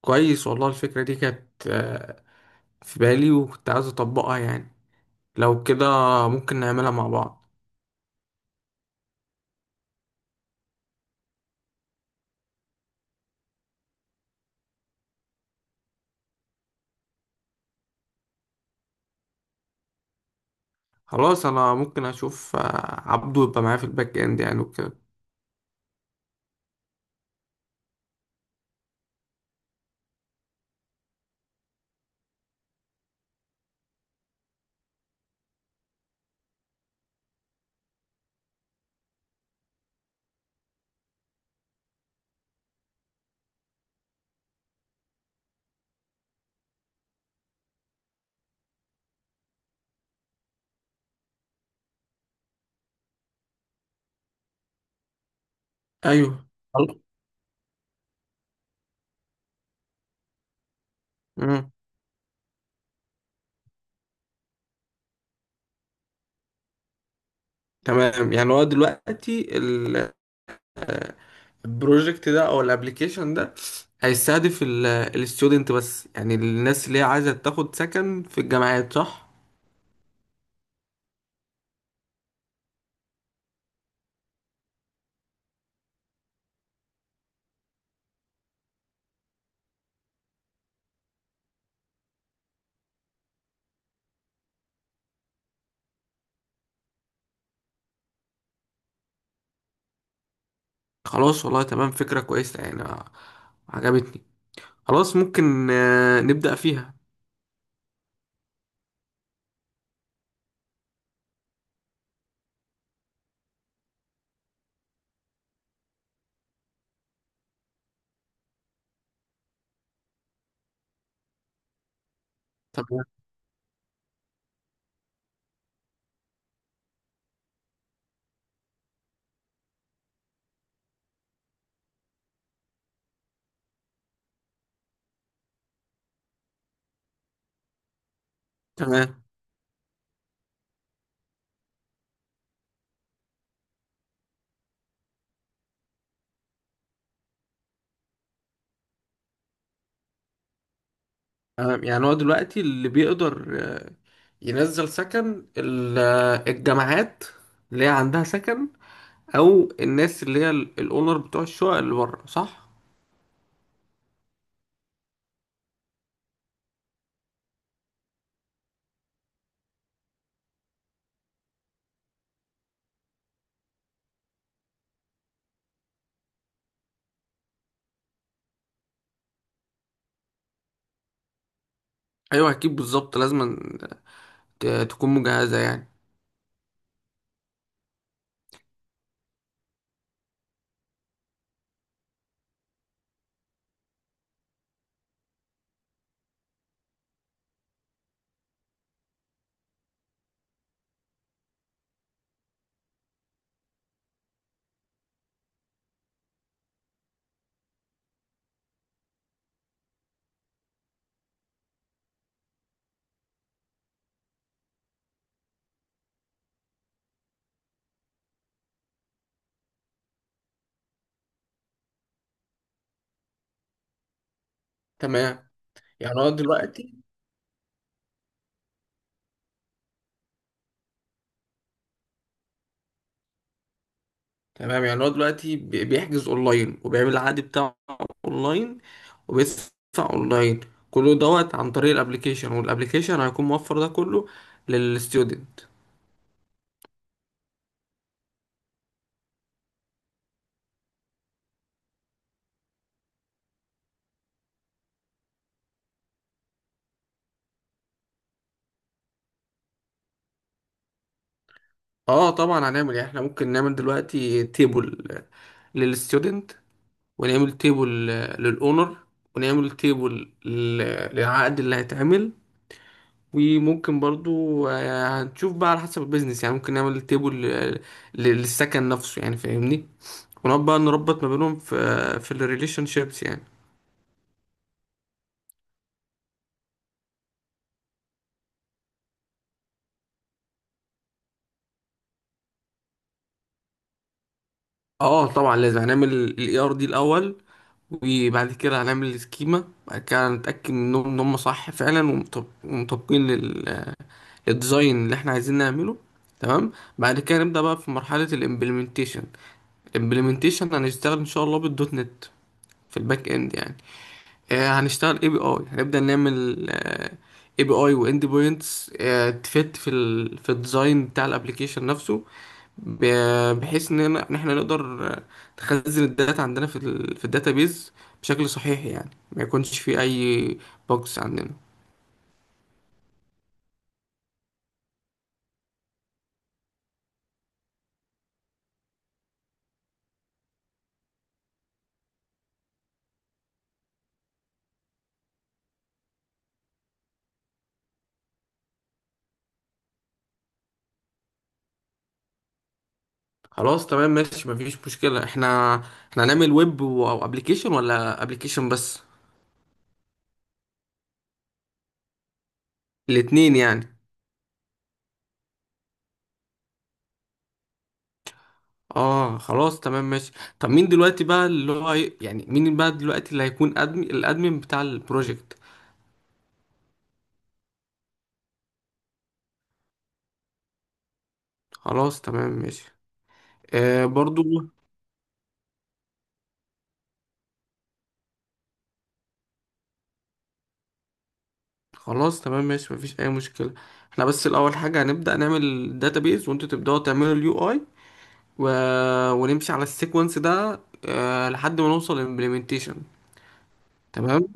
كويس والله. الفكرة دي كانت في بالي، وكنت عايز أطبقها. يعني لو كده ممكن نعملها مع بعض. خلاص، أنا ممكن أشوف عبده يبقى معايا في الباك إند يعني وكده. أيوه. خل- مم. تمام. يعني هو دلوقتي البروجكت ده او الابليكيشن ده هيستهدف الاستودنت بس، يعني الناس اللي هي عايزه تاخد سكن في الجامعات، صح؟ خلاص والله تمام، فكره كويسه يعني عجبتني. خلاص ممكن نبدأ فيها. تمام، تمام، تمام. يعني هو دلوقتي اللي بيقدر ينزل سكن الجامعات اللي هي عندها سكن، او الناس اللي هي الاونر بتوع الشقق اللي بره، صح؟ ايوه اكيد بالظبط، لازم تكون مجهزه يعني. تمام، يعني هو دلوقتي. تمام، يعني هو دلوقتي بيحجز اونلاين، وبيعمل العقد بتاعه اونلاين، وبيدفع اونلاين، كله دوت عن طريق الابليكيشن، والابليكيشن هيكون موفر ده كله للستودنت. اه طبعا، هنعمل يعني، احنا ممكن نعمل دلوقتي تيبل للستودنت، ونعمل تيبل للاونر، ونعمل تيبل للعقد اللي هيتعمل. وممكن برضو هنشوف بقى على حسب البيزنس يعني، ممكن نعمل تيبل للسكن نفسه يعني، فاهمني؟ ونقعد بقى نربط ما بينهم في الريليشن شيبس يعني. اه طبعا، لازم هنعمل الاي ار دي الاول، وبعد كده هنعمل السكيما، بعد كده هنتاكد منهم ان هم صح فعلا، ومطابقين للديزاين اللي احنا عايزين نعمله. تمام. بعد كده نبدا بقى في مرحله الامبلمنتيشن. الامبلمنتيشن هنشتغل ان شاء الله بالدوت نت في الباك اند يعني. هنشتغل اي بي اي، هنبدأ نعمل اي بي اي واند بوينتس تفت في الديزاين بتاع الابليكيشن نفسه، بحيث ان احنا نقدر نخزن الداتا عندنا في الداتابيز بشكل صحيح، يعني ما يكونش في اي بوكس عندنا. خلاص تمام ماشي، مفيش مشكلة. احنا هنعمل ويب وابليكيشن ولا ابليكيشن بس؟ الاتنين يعني؟ اه خلاص تمام ماشي. طب مين دلوقتي بقى اللي هو يعني مين بقى دلوقتي اللي هيكون ادمن، الادمن بتاع البروجكت؟ خلاص تمام ماشي. آه برضو. خلاص تمام ماشي، مفيش اي مشكلة. احنا بس الاول حاجة هنبدأ نعمل الداتابيز، وانتوا تبدأوا تعملوا اليو اي، و... ونمشي على السيكونس ده لحد ما نوصل للامبلمنتيشن. تمام.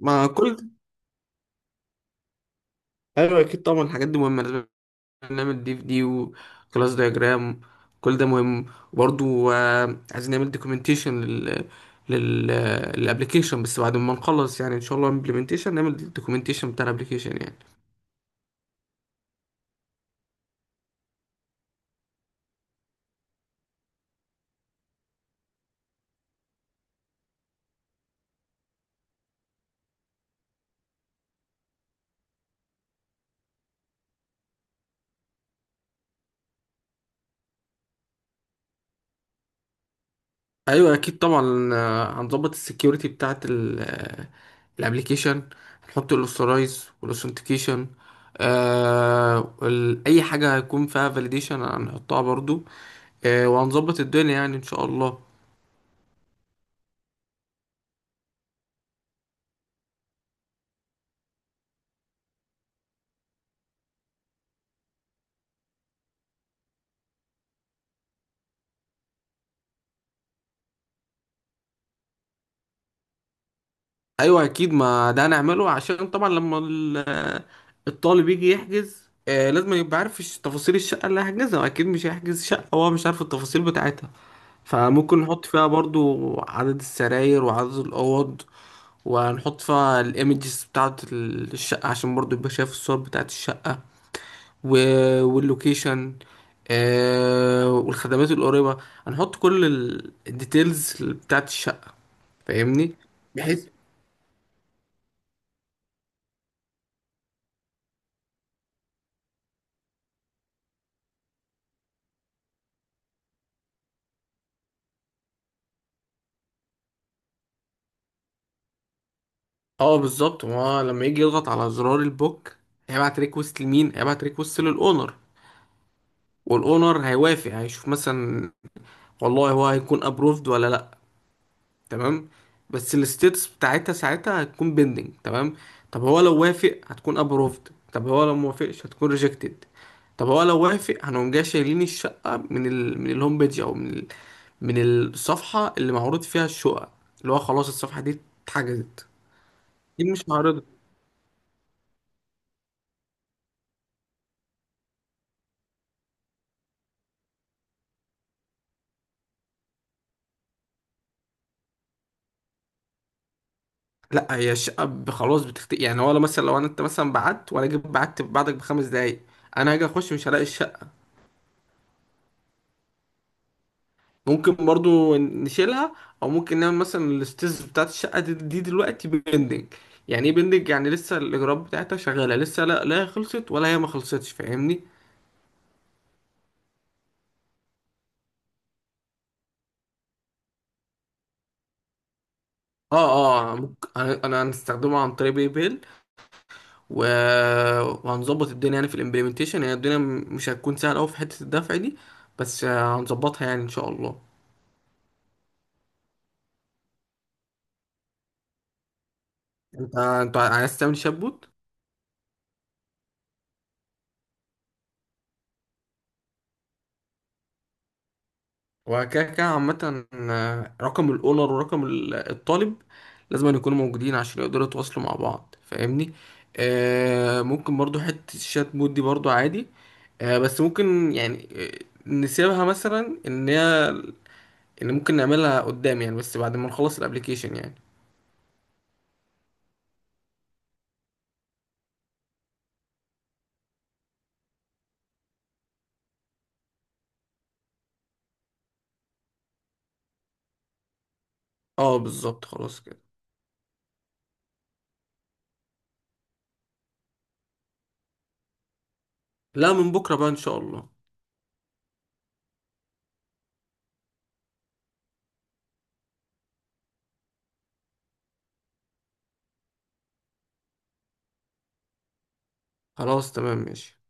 ما كل ايوه اكيد طبعا، الحاجات دي مهمة، لازم نعمل دي في دي وكلاس دايجرام، كل ده مهم. برضو عايزين نعمل دوكيومنتيشن لل لل للابلكيشن، بس بعد ما نخلص يعني ان شاء الله امبلمنتيشن نعمل دوكيومنتيشن بتاع الابلكيشن يعني. ايوه اكيد طبعا، هنظبط السكيورتي بتاعه الابلكيشن، هنحط الاوثرايز والاوثنتيكيشن. اي حاجه هيكون فيها فاليديشن هنحطها برضو. وهنظبط الدنيا يعني ان شاء الله. ايوه اكيد، ما ده هنعمله عشان طبعا لما الطالب يجي يحجز، لازم يبقى عارف تفاصيل الشقه اللي هيحجزها، اكيد مش هيحجز شقه وهو مش عارف التفاصيل بتاعتها. فممكن نحط فيها برضو عدد السراير وعدد الاوض. وهنحط فيها الايمجز بتاعه الشقه، عشان برضو يبقى شايف الصور بتاعه الشقه واللوكيشن، والخدمات القريبه. هنحط كل الديتيلز بتاعه الشقه، فاهمني؟ بحيث اه بالظبط، ما هو لما يجي يضغط على زرار البوك هيبعت ريكوست لمين؟ هيبعت ريكوست للاونر، والاونر هيوافق، هيشوف مثلا والله هو هيكون ابروفد ولا لا. تمام. بس الستيتس بتاعتها ساعتها هتكون بيندنج. تمام. طب هو لو وافق هتكون ابروفد، طب هو لو موافقش هتكون ريجكتد. طب هو لو وافق هنقوم جاي شايلين الشقة من الهوم بيج، او من الصفحة اللي معروض فيها الشقة، اللي هو خلاص الصفحة دي اتحجزت، دي مش معرضة. لا، هي الشقه خلاص يعني هو لو مثلا، لو انا، انت مثلا بعت وانا جيت بعت بعدك ب5 دقايق، انا هاجي اخش مش هلاقي الشقه. ممكن برضو نشيلها، او ممكن نعمل مثلا الاستيز بتاعت الشقه دي، دي دلوقتي بيندنج. يعني ايه بيندنج؟ يعني لسه الاجراءات بتاعتها شغاله، لسه، لا لا، هي خلصت ولا هي ما خلصتش، فاهمني؟ اه، اه ممكن، أنا هنستخدمه عن طريق باي بيل، و... وهنظبط الدنيا يعني في الامبلمنتيشن. يعني الدنيا مش هتكون سهله قوي في حته الدفع دي، بس هنظبطها يعني ان شاء الله. انت عايز تعمل شبوت؟ وكده كده، عامة رقم الاونر ورقم الطالب لازم أن يكونوا موجودين عشان يقدروا يتواصلوا مع بعض، فاهمني؟ ممكن برضو حتة الشات بوت دي برضو عادي، بس ممكن يعني، نسيبها مثلا ان ممكن نعملها قدام يعني، بس بعد ما نخلص الابليكيشن يعني. اه بالظبط، خلاص كده. لا، من بكرة بقى ان شاء الله. خلاص تمام ماشي.